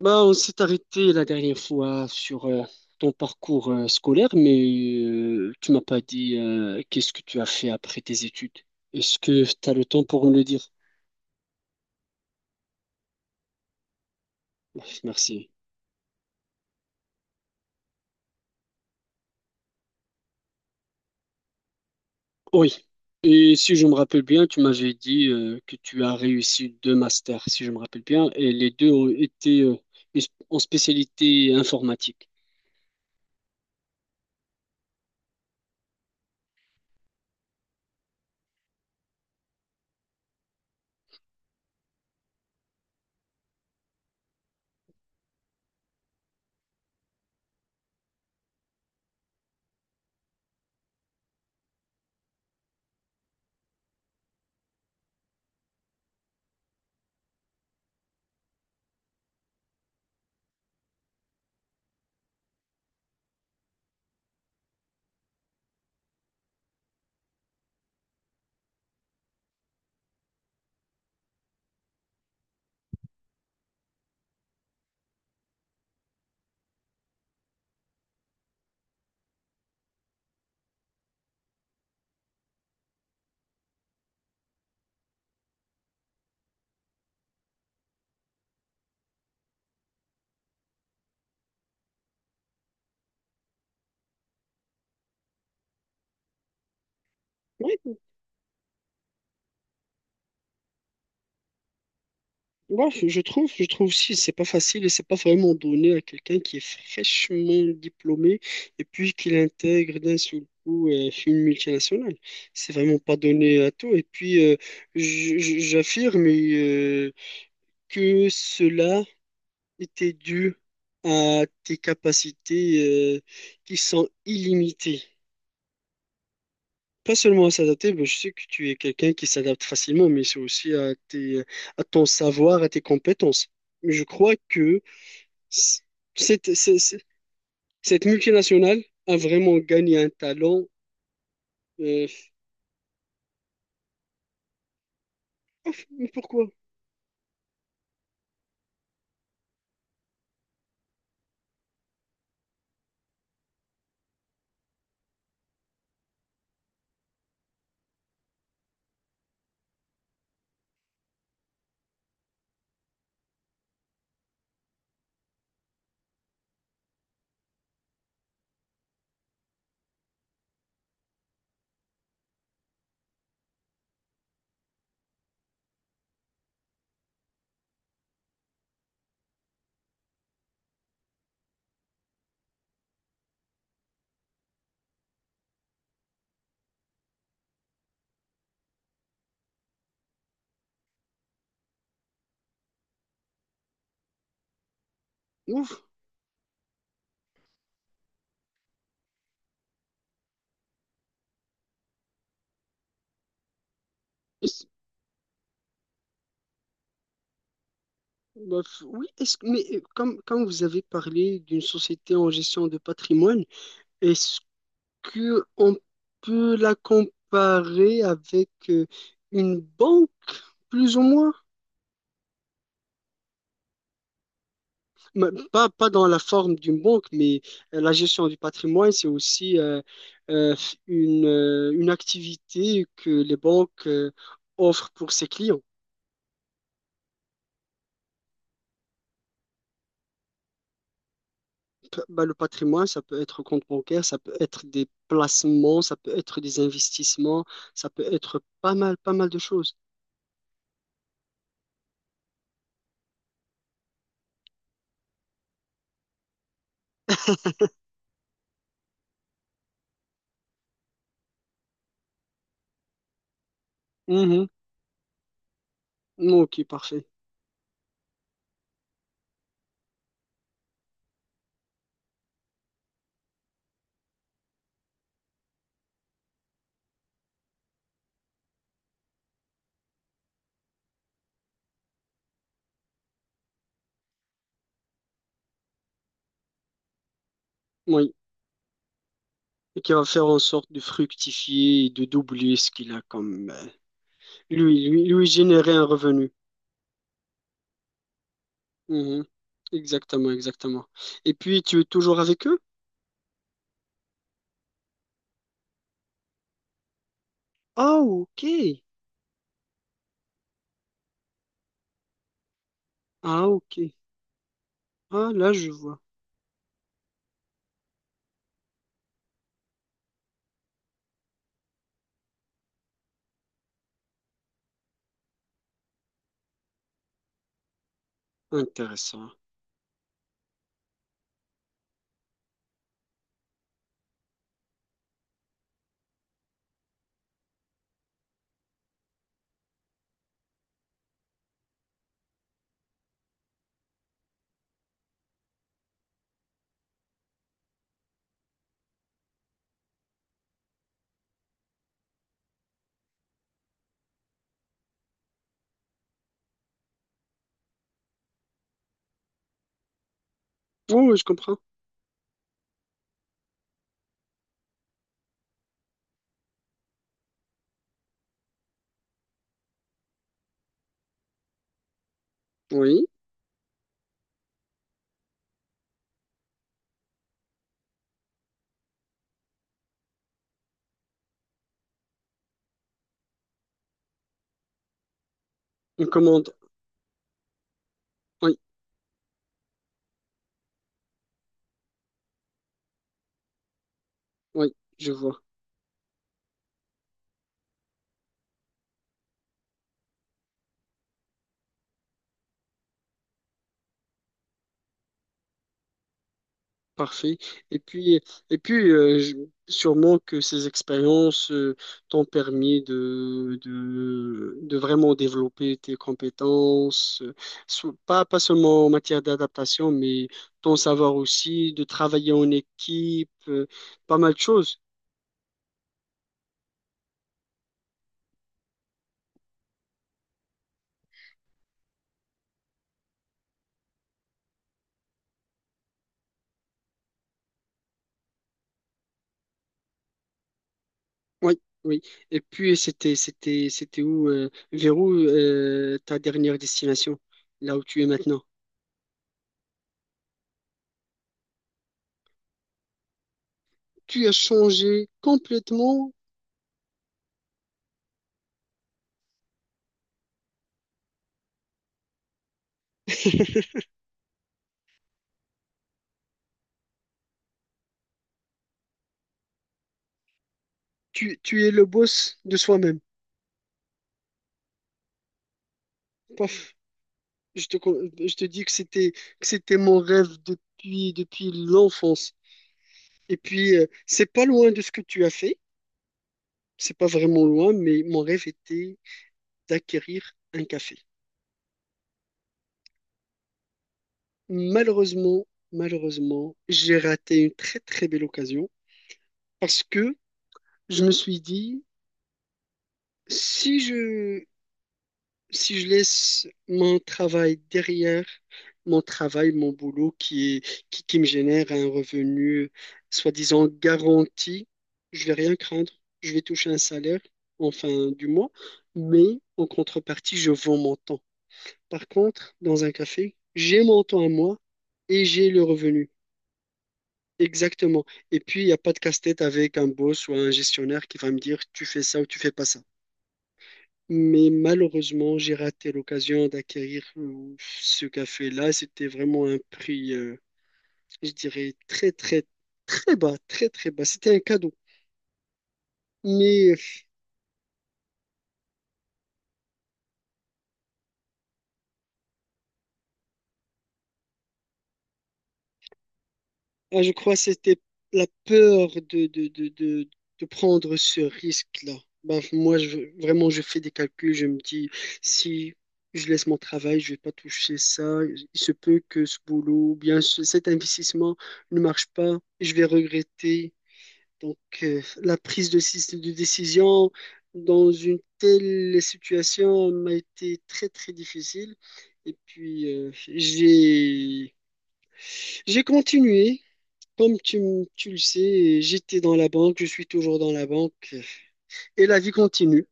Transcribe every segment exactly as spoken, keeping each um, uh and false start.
Bah, on s'est arrêté la dernière fois sur euh, ton parcours euh, scolaire, mais euh, tu m'as pas dit euh, qu'est-ce que tu as fait après tes études. Est-ce que tu as le temps pour me le dire? Merci. Oui. Et si je me rappelle bien, tu m'avais dit euh, que tu as réussi deux masters, si je me rappelle bien, et les deux ont été euh, en spécialité informatique. Ouais, je je trouve, je trouve aussi, c'est pas facile et c'est pas vraiment donné à quelqu'un qui est fraîchement diplômé et puis qu'il intègre d'un seul coup euh, une multinationale. C'est vraiment pas donné à tout. Et puis, euh, j- j- j'affirme euh, que cela était dû à tes capacités euh, qui sont illimitées. Pas seulement à s'adapter, mais je sais que tu es quelqu'un qui s'adapte facilement, mais c'est aussi à tes, à ton savoir, à tes compétences. Mais je crois que c- Cette, c'est- c'est- cette multinationale a vraiment gagné un talent. euh, mais pourquoi? Ouf. Est-ce- bah, f- oui, est-ce que, mais euh, comme, quand vous avez parlé d'une société en gestion de patrimoine, est-ce que on peut la comparer avec euh, une banque, plus ou moins? Mais Pas, pas dans la forme d'une banque, mais euh, la gestion du patrimoine, c'est aussi euh, euh, une, euh, une activité que les banques euh, offrent pour ses clients. P- bah, le patrimoine, ça peut être compte bancaire, ça peut être des placements, ça peut être des investissements, ça peut être pas mal, pas mal de choses. Mhm. Ok, parfait. Oui. Et qui va faire en sorte de fructifier et de doubler ce qu'il a comme... euh, lui, lui, lui générer un revenu. Mhm. Exactement, exactement. Et puis, tu es toujours avec eux? Ah, ok. Ah, ok. Ah, là, je vois. Intéressant. Oh, oui, je comprends. Oui, une commande. Oui, oui, je vois. Parfait. Et puis, et puis euh, je- sûrement que ces expériences euh, t'ont permis de, de, de vraiment développer tes compétences, euh, sou- pas, pas seulement en matière d'adaptation, mais ton savoir aussi, de travailler en équipe, euh, pas mal de choses. Oui, oui. Et puis, c'était, c'était, c'était où, euh, vers où euh, ta dernière destination, là où tu es maintenant? Tu as changé complètement. Tu, tu es le boss de soi-même. Paf, je te, con- je te dis que c'était, que c'était mon rêve depuis, depuis l'enfance. Et puis, euh, c'est pas loin de ce que tu as fait. C'est pas vraiment loin, mais mon rêve était d'acquérir un café. Malheureusement, malheureusement, j'ai raté une très très belle occasion parce que je me suis dit, si je, si je laisse mon travail derrière, mon travail, mon boulot qui est, qui, qui me génère un revenu soi-disant garanti, je vais rien craindre. Je vais toucher un salaire en fin du mois, mais en contrepartie, je vends mon temps. Par contre, dans un café, j'ai mon temps à moi et j'ai le revenu. Exactement. Et puis, il n'y a pas de casse-tête avec un boss ou un gestionnaire qui va me dire, tu fais ça ou tu fais pas ça. Mais malheureusement, j'ai raté l'occasion d'acquérir euh, ce café-là. C'était vraiment un prix, euh, je dirais, très, très, très bas, très, très bas. C'était un cadeau. Mais euh, ah, je crois que c'était la peur de, de, de, de, de prendre ce risque-là. Bah, moi, je, vraiment, je fais des calculs. Je me dis, si je laisse mon travail, je vais pas toucher ça. Il se peut que ce boulot ou bien ce- cet investissement ne marche pas. Je vais regretter. Donc, euh, la prise de, syst- de décision dans une telle situation m'a été très, très difficile. Et puis, euh, j'ai, j'ai continué. Comme tu, m- tu le sais, j'étais dans la banque, je suis toujours dans la banque. Et la vie continue.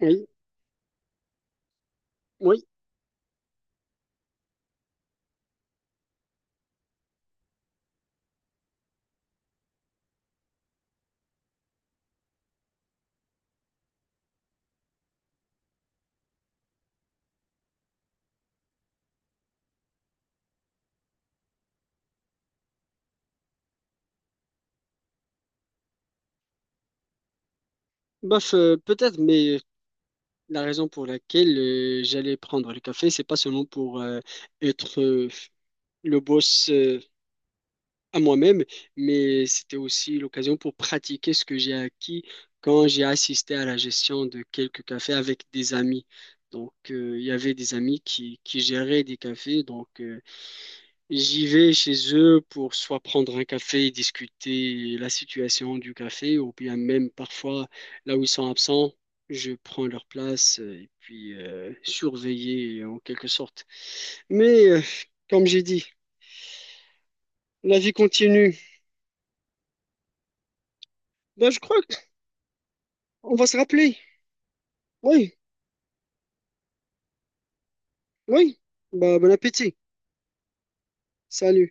Oui, oui. Bof, euh, peut-être, mais la raison pour laquelle euh, j'allais prendre le café, c'est pas seulement pour euh, être euh, le boss euh, à moi-même, mais c'était aussi l'occasion pour pratiquer ce que j'ai acquis quand j'ai assisté à la gestion de quelques cafés avec des amis. Donc, euh, il y avait des amis qui, qui géraient des cafés. Donc, euh, j'y vais chez eux pour soit prendre un café et discuter la situation du café, ou bien même parfois, là où ils sont absents, je prends leur place euh, et puis euh, surveiller en quelque sorte. Mais, euh, comme j'ai dit, la vie continue. Bah, je crois qu'on va se rappeler. Oui, oui. Bah, bon appétit. Salut.